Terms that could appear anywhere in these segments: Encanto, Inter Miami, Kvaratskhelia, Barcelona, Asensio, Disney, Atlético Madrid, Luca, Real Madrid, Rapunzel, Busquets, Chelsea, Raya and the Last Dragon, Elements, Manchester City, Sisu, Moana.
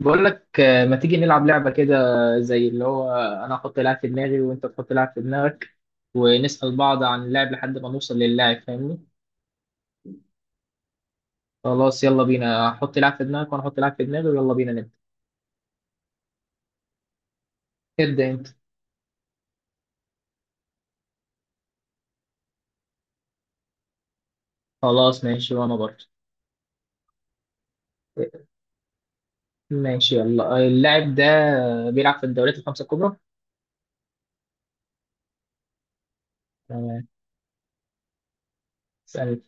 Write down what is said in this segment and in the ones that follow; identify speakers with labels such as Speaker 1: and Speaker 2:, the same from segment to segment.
Speaker 1: بقول لك ما تيجي نلعب لعبة كده زي اللي هو أنا أحط لاعب في دماغي وأنت تحط لاعب في دماغك ونسأل بعض عن اللاعب لحد ما نوصل للاعب فاهمني؟ خلاص يلا بينا حط لاعب في دماغك وأنا أحط لاعب في دماغي ويلا بينا نبدأ. ابدأ أنت. خلاص ماشي وأنا برضه. ماشي يلا اللاعب ده بيلعب في الدوريات الخمسة الكبرى. تمام. اسألني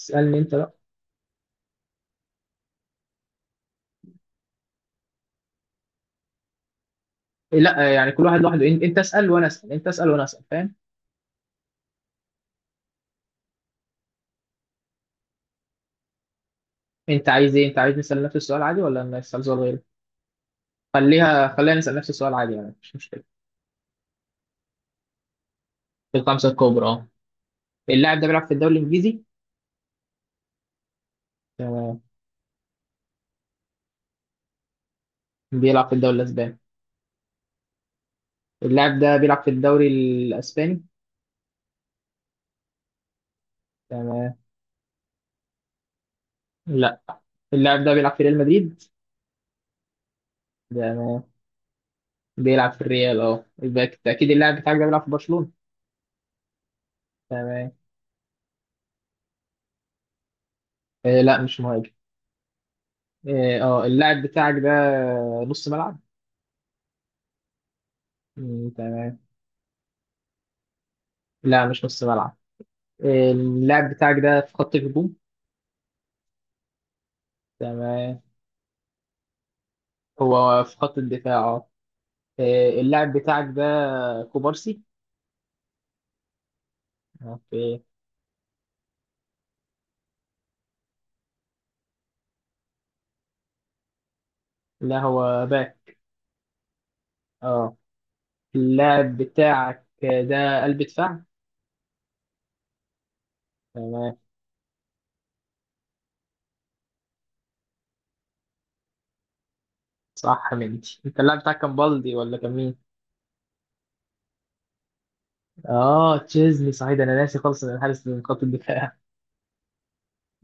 Speaker 1: اسألني أنت بقى. لا يعني كل واحد لوحده أنت اسأل وأنا أسأل أنت اسأل وأنا أسأل فاهم؟ أنت عايز إيه؟ أنت عايز نسأل نفس السؤال عادي ولا نسأل سؤال غيره؟ خليها خلينا نسأل نفس السؤال عادي يعني مش مشكلة. في الخمسة الكبرى اه. اللاعب ده بيلعب في الدوري الإنجليزي. تمام. بيلعب في الدوري الأسباني. اللاعب ده بيلعب في الدوري الأسباني. تمام. لا اللاعب ده بيلعب في ريال مدريد. تمام. بيلعب في الريال اه يبقى بالتأكيد اللاعب بتاعك ده بيلعب في برشلونة. تمام. آه لا مش مهاجم. اه اللاعب بتاعك ده نص ملعب. مم، تمام. لا مش نص ملعب. اللاعب بتاعك ده في خط الهجوم. تمام. هو في خط الدفاع اه. اللاعب بتاعك ده كوبارسي. اوكي. لا هو باك اه. اللاعب بتاعك ده قلب دفاع. تمام. صح مندي انت اللاعب بتاعك كان بالدي ولا كان مين؟ اه تشيزني صحيح ده انا ناسي خالص ان الحارس من خط الدفاع.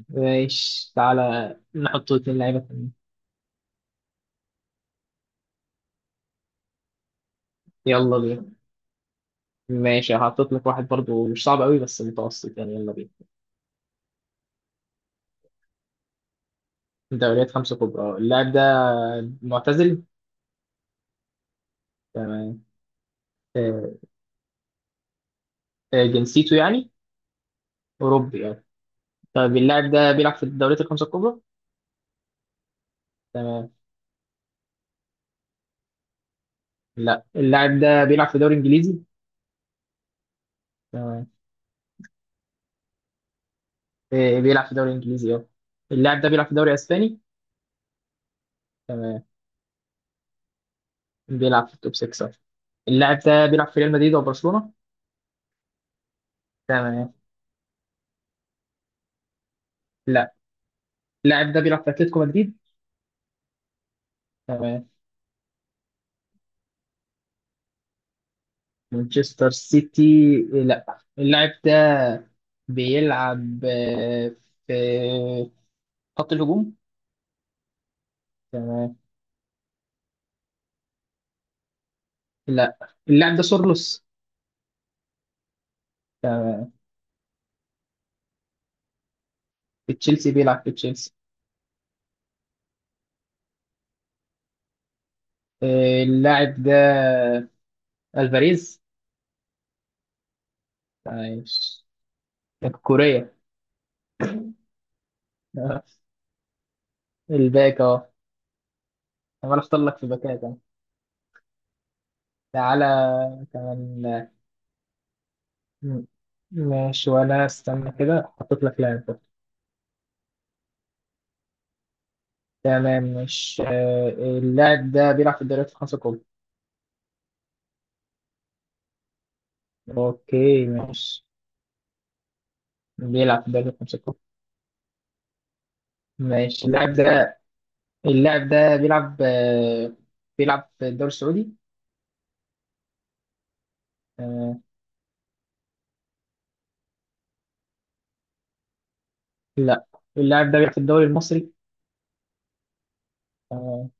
Speaker 1: ماشي تعالى نحط اتنين لعيبه تانيين. يلا بينا. ماشي هحطط لك واحد برضو مش صعب قوي بس متوسط يعني يلا بينا. دوريات خمسة كبرى اللاعب ده معتزل. تمام. آه، جنسيته يعني أوروبي يعني. طيب اللاعب ده بيلعب في الدوريات الخمسة الكبرى. تمام. لا اللاعب ده بيلعب في دوري انجليزي. تمام. إيه، إيه، بيلعب في دوري انجليزي اه. اللاعب ده بيلعب في دوري اسباني. تمام. بيلعب في التوب 6 صح. اللاعب ده بيلعب في ريال مدريد وبرشلونة. تمام. لا اللاعب ده بيلعب في اتلتيكو مدريد. تمام. مانشستر سيتي. لا اللاعب ده بيلعب في خط الهجوم. تمام. لا اللاعب ده سورلوس. تمام. في تشيلسي بيلعب في تشيلسي. اللاعب ده الفاريز عايش الكورية. آه، الباك اهو. عمال اختار لك في باكات أهو. تعالى كمان. م- ماشي وانا استنى كده حطيت لك لاعب برضه. تمام مش. اللاعب ده بيلعب في الدوريات الخمسة الكبرى. اوكي ماشي. بيلعب في الدوريات الخمسة الكبرى. ماشي اللاعب ده. اللاعب ده بيلعب بيلعب في الدوري السعودي. آه، لا اللاعب ده بيلعب في الدوري المصري. آه،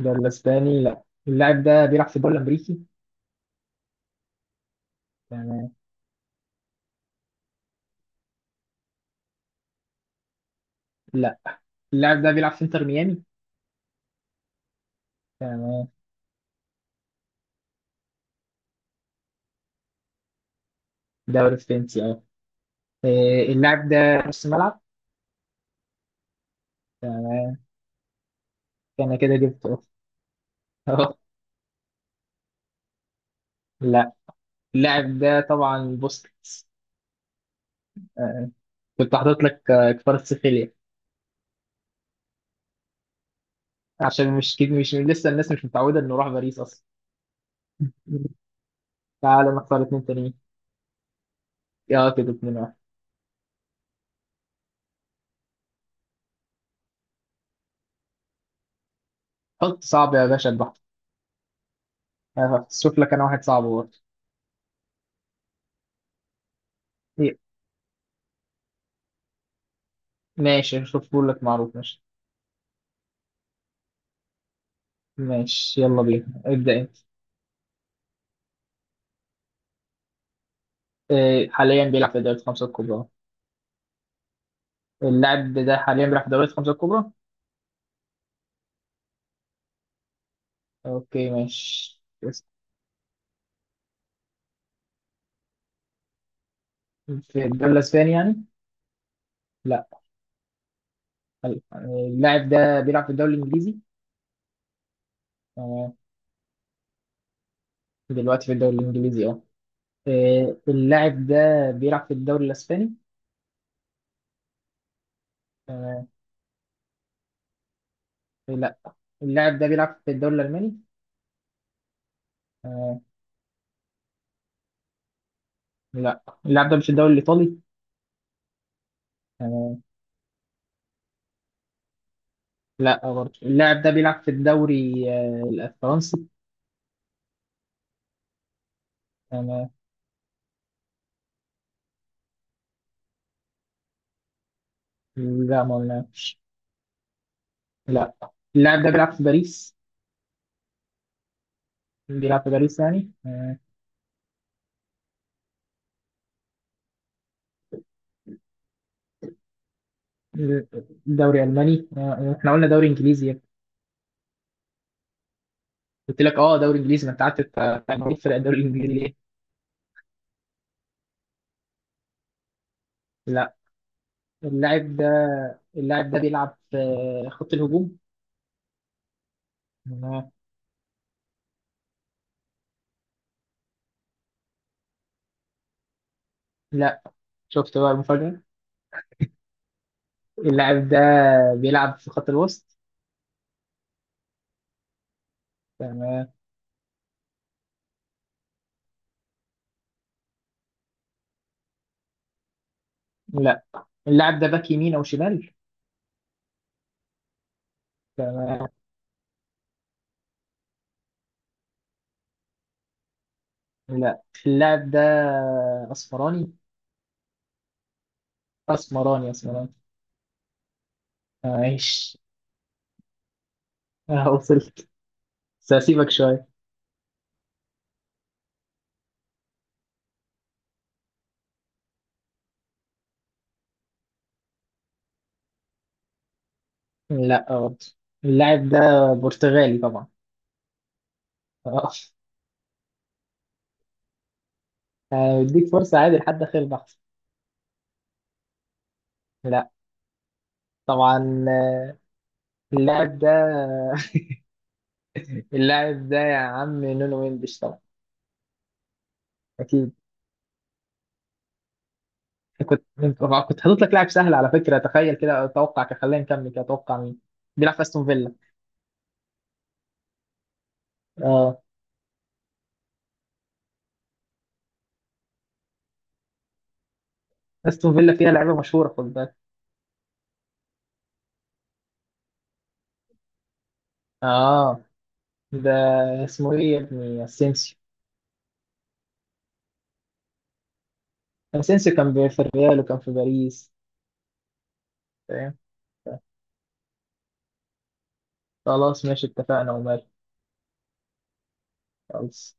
Speaker 1: الدوري الاسباني لا. اللاعب ده بيلعب في الدوري الامريكي. لا اللاعب ده بيلعب في انتر ميامي. تمام. دوري فرنسي اه. اللاعب ده نص ملعب. تمام. انا كده جبته اه. لا اللاعب ده طبعا بوسكيتس. آه، كنت حاطط لك كفاراتسخيليا عشان مش كده مش لسه الناس مش متعوده انه راح باريس اصلا. تعالى نختار اتنين تانيين. اه كده اتنين واحد. حط صعب يا باشا البحر. شوف لك انا واحد صعب برضه. إيه، ماشي شوف لك معروف ماشي. ماشي يلا بينا ابدأ انت. حاليا بيلعب في دوري الخمسة الكبرى. اللاعب ده حاليا بيلعب في الدوريات الخمسة الكبرى. اوكي ماشي في الدوري الاسباني يعني لا. حلو. اللاعب ده بيلعب في الدوري الانجليزي. تمام. دلوقتي في الدوري الانجليزي اه. اللاعب ده بيلعب في الدوري الاسباني. تمام. لا اللاعب ده بيلعب في الدوري الالماني. تمام. لا اللاعب ده مش الدوري الايطالي. تمام. لا برضه اللاعب ده بيلعب في الدوري الفرنسي. تمام. لا ما قلنا. لا اللاعب ده بيلعب في باريس. بيلعب في باريس يعني دوري الماني. احنا قلنا دوري انجليزي. قلت لك اه دوري انجليزي ما انت قعدت تقول فرق الدوري الانجليزي ليه؟ لا اللاعب ده. اللاعب ده بيلعب في خط الهجوم. آه، لا. شفت بقى المفاجأة. اللاعب ده بيلعب في خط الوسط. تمام. لا اللاعب ده باك يمين او شمال. تمام. لا اللاعب ده اسمراني اسمراني اسمراني. معلش. وصلت بس هسيبك شوية. لا برضه اللاعب ده برتغالي طبعا. هديك فرصة عادي لحد آخر بحث. لا طبعا. اللاعب ده. اللاعب ده يا عم نونو مندش طبعا. أكيد كنت حاطط لك لاعب سهل على فكرة تخيل كده أتوقع كده خلينا نكمل كده أتوقع مين بيلعب في أستون فيلا. أه. أستون فيلا فيها لعيبة مشهورة خد بالك. أه ده اسمه إيه يا ابني أسينسيو. أسينسيو كان في الريال وكان في باريس. فاهم. خلاص ماشي اتفقنا ومال. خلاص.